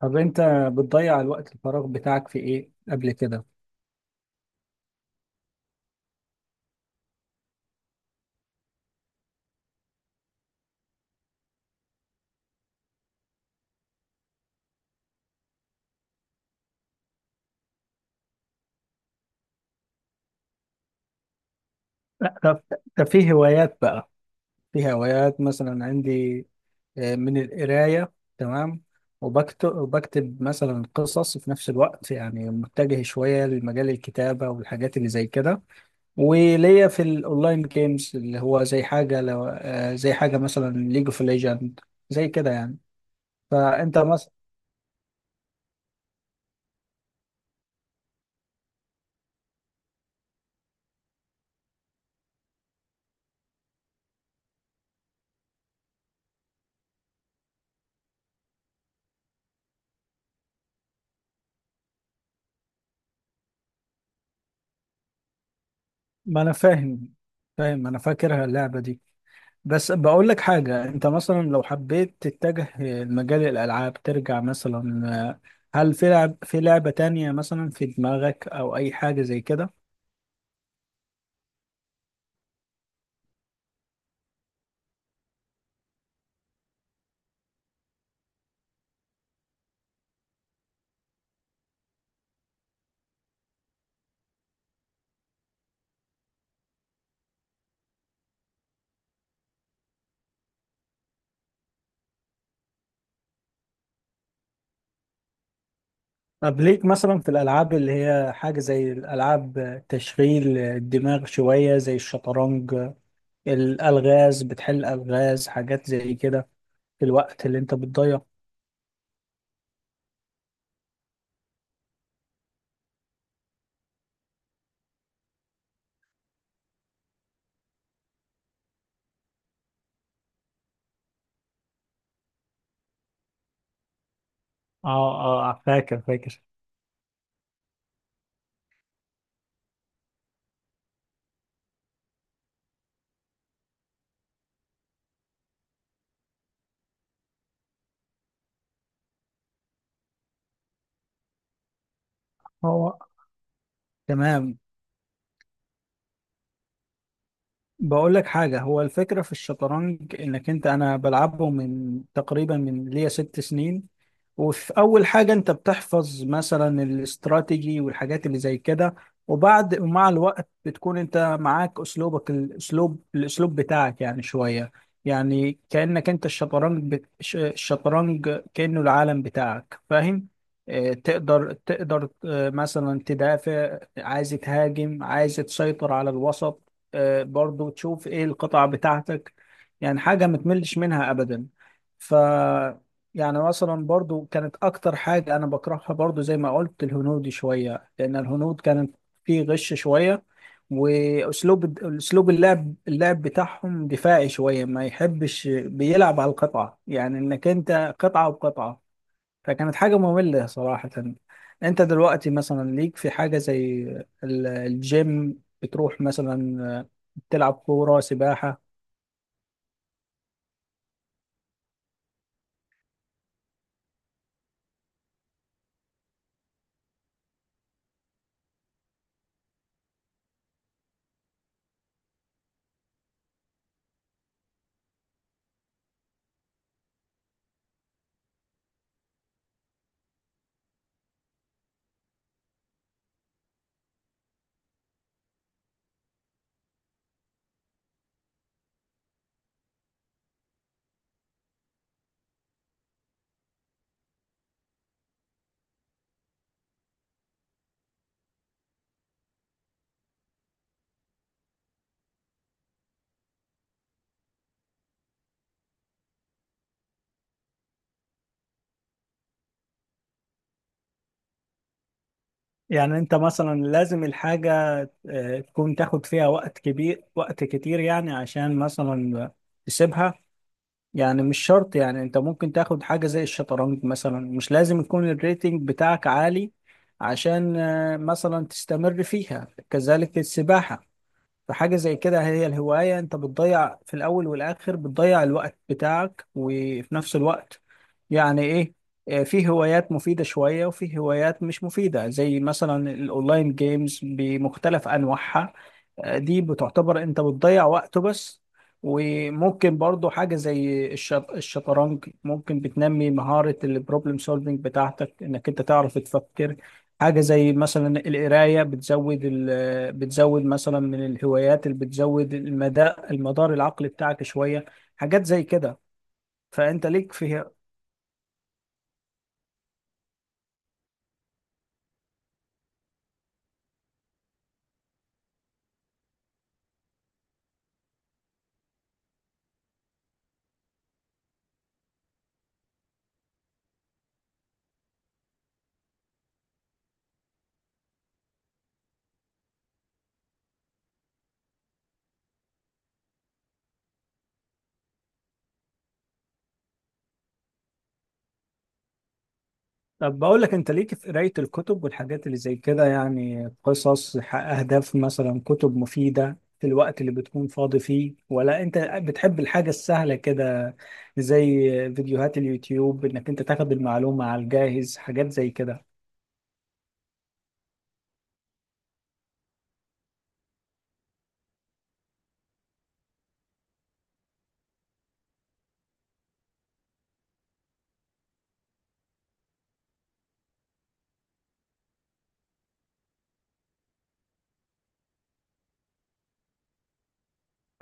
طب انت بتضيع الوقت الفراغ بتاعك في ايه قبل كده؟ طب في هوايات بقى. في هوايات مثلا عندي، من القراية، تمام. وبكتب مثلا قصص في نفس الوقت، يعني متجه شوية لمجال الكتابة والحاجات اللي زي كده. وليا في الاونلاين جيمز اللي هو زي حاجة، لو زي حاجة مثلا ليج اوف ليجند، زي كده يعني. فانت مثلا، ما انا فاهم، انا فاكرها اللعبة دي. بس بقول لك حاجة، انت مثلا لو حبيت تتجه لمجال الالعاب ترجع مثلا، آه، هل في لعبة تانية مثلا في دماغك او اي حاجة زي كده؟ طب ليك مثلا في الالعاب اللي هي حاجة زي الالعاب تشغيل الدماغ شوية، زي الشطرنج، الالغاز، بتحل الغاز، حاجات زي كده، في الوقت اللي انت بتضيعه. اه، اه فاكر، هو. تمام، بقول لك حاجة، هو الفكرة في الشطرنج انك انت، انا بلعبه من تقريبا من ليا 6 سنين. وفي اول حاجة انت بتحفظ مثلا الاستراتيجي والحاجات اللي زي كده. ومع الوقت بتكون انت معاك اسلوبك، الاسلوب بتاعك يعني شوية. يعني كأنك انت الشطرنج الشطرنج كأنه العالم بتاعك، فاهم؟ تقدر، مثلا تدافع، عايز تهاجم، عايز تسيطر على الوسط. برضو تشوف ايه القطع بتاعتك. يعني حاجة ما تملش منها ابدا. ف يعني مثلا برضو كانت اكتر حاجة انا بكرهها، برضو زي ما قلت، الهنود شوية، لان الهنود كانت فيه غش شوية. واسلوب اللعب بتاعهم دفاعي شوية، ما يحبش، بيلعب على القطعة، يعني انك انت قطعة وقطعة. فكانت حاجة مملة صراحة. انت دلوقتي مثلا ليك في حاجة زي الجيم، بتروح مثلا تلعب كورة، سباحة. يعني انت مثلا لازم الحاجة تكون تاخد فيها وقت كبير، وقت كتير يعني، عشان مثلا تسيبها. يعني مش شرط، يعني انت ممكن تاخد حاجة زي الشطرنج مثلا مش لازم يكون الريتنج بتاعك عالي عشان مثلا تستمر فيها، كذلك السباحة. فحاجة زي كده، هي الهواية انت بتضيع في الاول والاخر، بتضيع الوقت بتاعك، وفي نفس الوقت يعني ايه، في هوايات مفيدة شوية وفي هوايات مش مفيدة، زي مثلا الاونلاين جيمز بمختلف انواعها. دي بتعتبر انت بتضيع وقته بس. وممكن برضو حاجة زي الشطرنج ممكن بتنمي مهارة البروبلم سولفينج بتاعتك، انك انت تعرف تفكر. حاجة زي مثلا القراية، بتزود، مثلا، من الهوايات اللي بتزود المدار العقلي بتاعك شوية، حاجات زي كده. فأنت ليك في، طب بقول لك، أنت ليك في قراية الكتب والحاجات اللي زي كده، يعني قصص، أهداف، مثلا كتب مفيدة في الوقت اللي بتكون فاضي فيه، ولا أنت بتحب الحاجة السهلة كده، زي فيديوهات اليوتيوب، إنك أنت تاخد المعلومة على الجاهز، حاجات زي كده.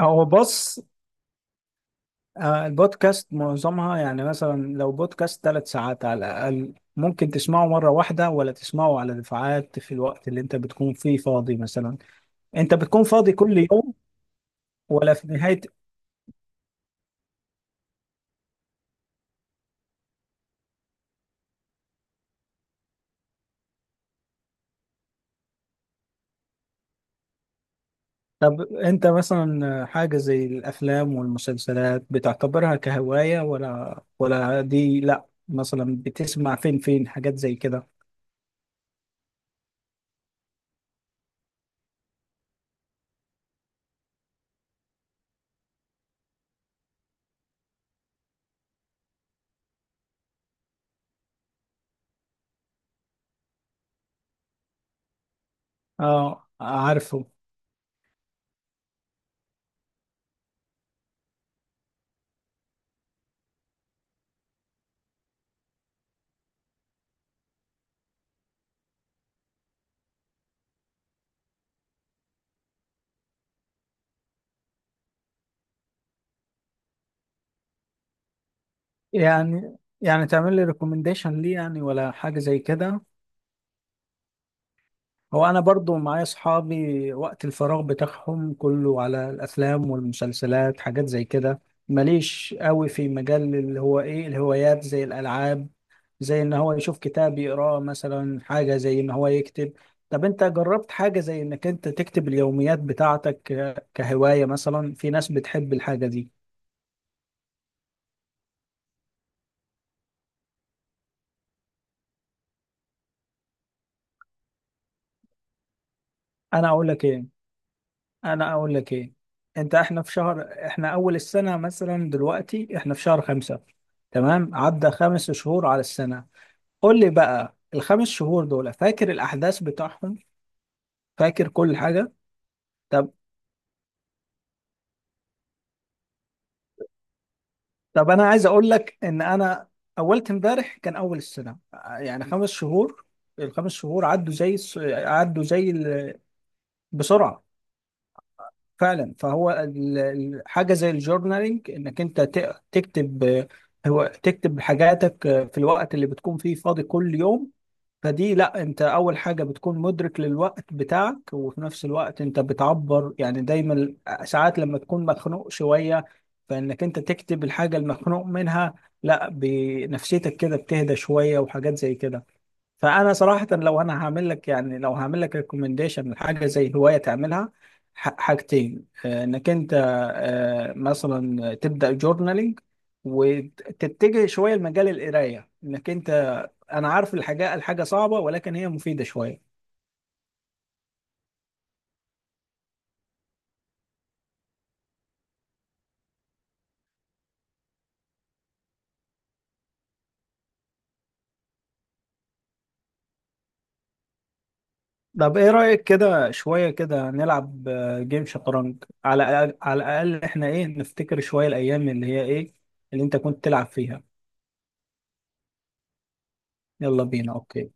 هو بص، البودكاست معظمها يعني مثلا لو بودكاست 3 ساعات على الأقل، ممكن تسمعه مرة واحدة ولا تسمعه على دفعات في الوقت اللي انت بتكون فيه فاضي مثلا. انت بتكون فاضي كل يوم ولا في نهاية؟ طب انت مثلا حاجة زي الأفلام والمسلسلات بتعتبرها كهواية ولا؟ دي لا، مثلا بتسمع فين، حاجات زي كده؟ اه عارفه. يعني، تعمل لي ريكومنديشن ليه يعني، ولا حاجة زي كده؟ هو انا برضو معايا اصحابي وقت الفراغ بتاعهم كله على الافلام والمسلسلات، حاجات زي كده. ماليش قوي في مجال اللي هو ايه الهوايات زي الالعاب، زي ان هو يشوف كتاب يقراه مثلا، حاجة زي ان هو يكتب. طب انت جربت حاجة زي انك انت تكتب اليوميات بتاعتك كهواية؟ مثلا في ناس بتحب الحاجة دي. انا اقول لك ايه، انا اقول لك ايه انت، احنا في شهر، احنا اول السنه مثلا، دلوقتي احنا في شهر خمسة، تمام؟ عدى 5 شهور على السنه. قول لي بقى ال 5 شهور دول، فاكر الاحداث بتاعهم؟ فاكر كل حاجه؟ طب، انا عايز اقول لك ان انا اولت امبارح كان اول السنه، يعني 5 شهور، الخمس شهور عدوا زي عدوا زي بسرعه، فعلا. فهو حاجه زي الجورنالينج، انك انت تكتب، آه، هو تكتب حاجاتك في الوقت اللي بتكون فيه فاضي كل يوم. فدي لا، انت اول حاجه بتكون مدرك للوقت بتاعك، وفي نفس الوقت انت بتعبر يعني دايما. ساعات لما تكون مخنوق شويه، فانك انت تكتب الحاجه المخنوق منها، لا، بنفسيتك كده بتهدى شويه، وحاجات زي كده. فانا صراحه لو انا هعمل لك، يعني لو هعمل لك ريكومنديشن لحاجه زي هوايه تعملها، حاجتين، انك انت مثلا تبدا جورنالينج، وتتجه شويه لمجال القرايه، انك انت، انا عارف الحاجه، صعبه، ولكن هي مفيده شويه. طب ايه رايك كده شويه كده نلعب جيم شطرنج، على الاقل احنا ايه، نفتكر شويه الايام اللي هي ايه اللي انت كنت تلعب فيها. يلا بينا، اوكي.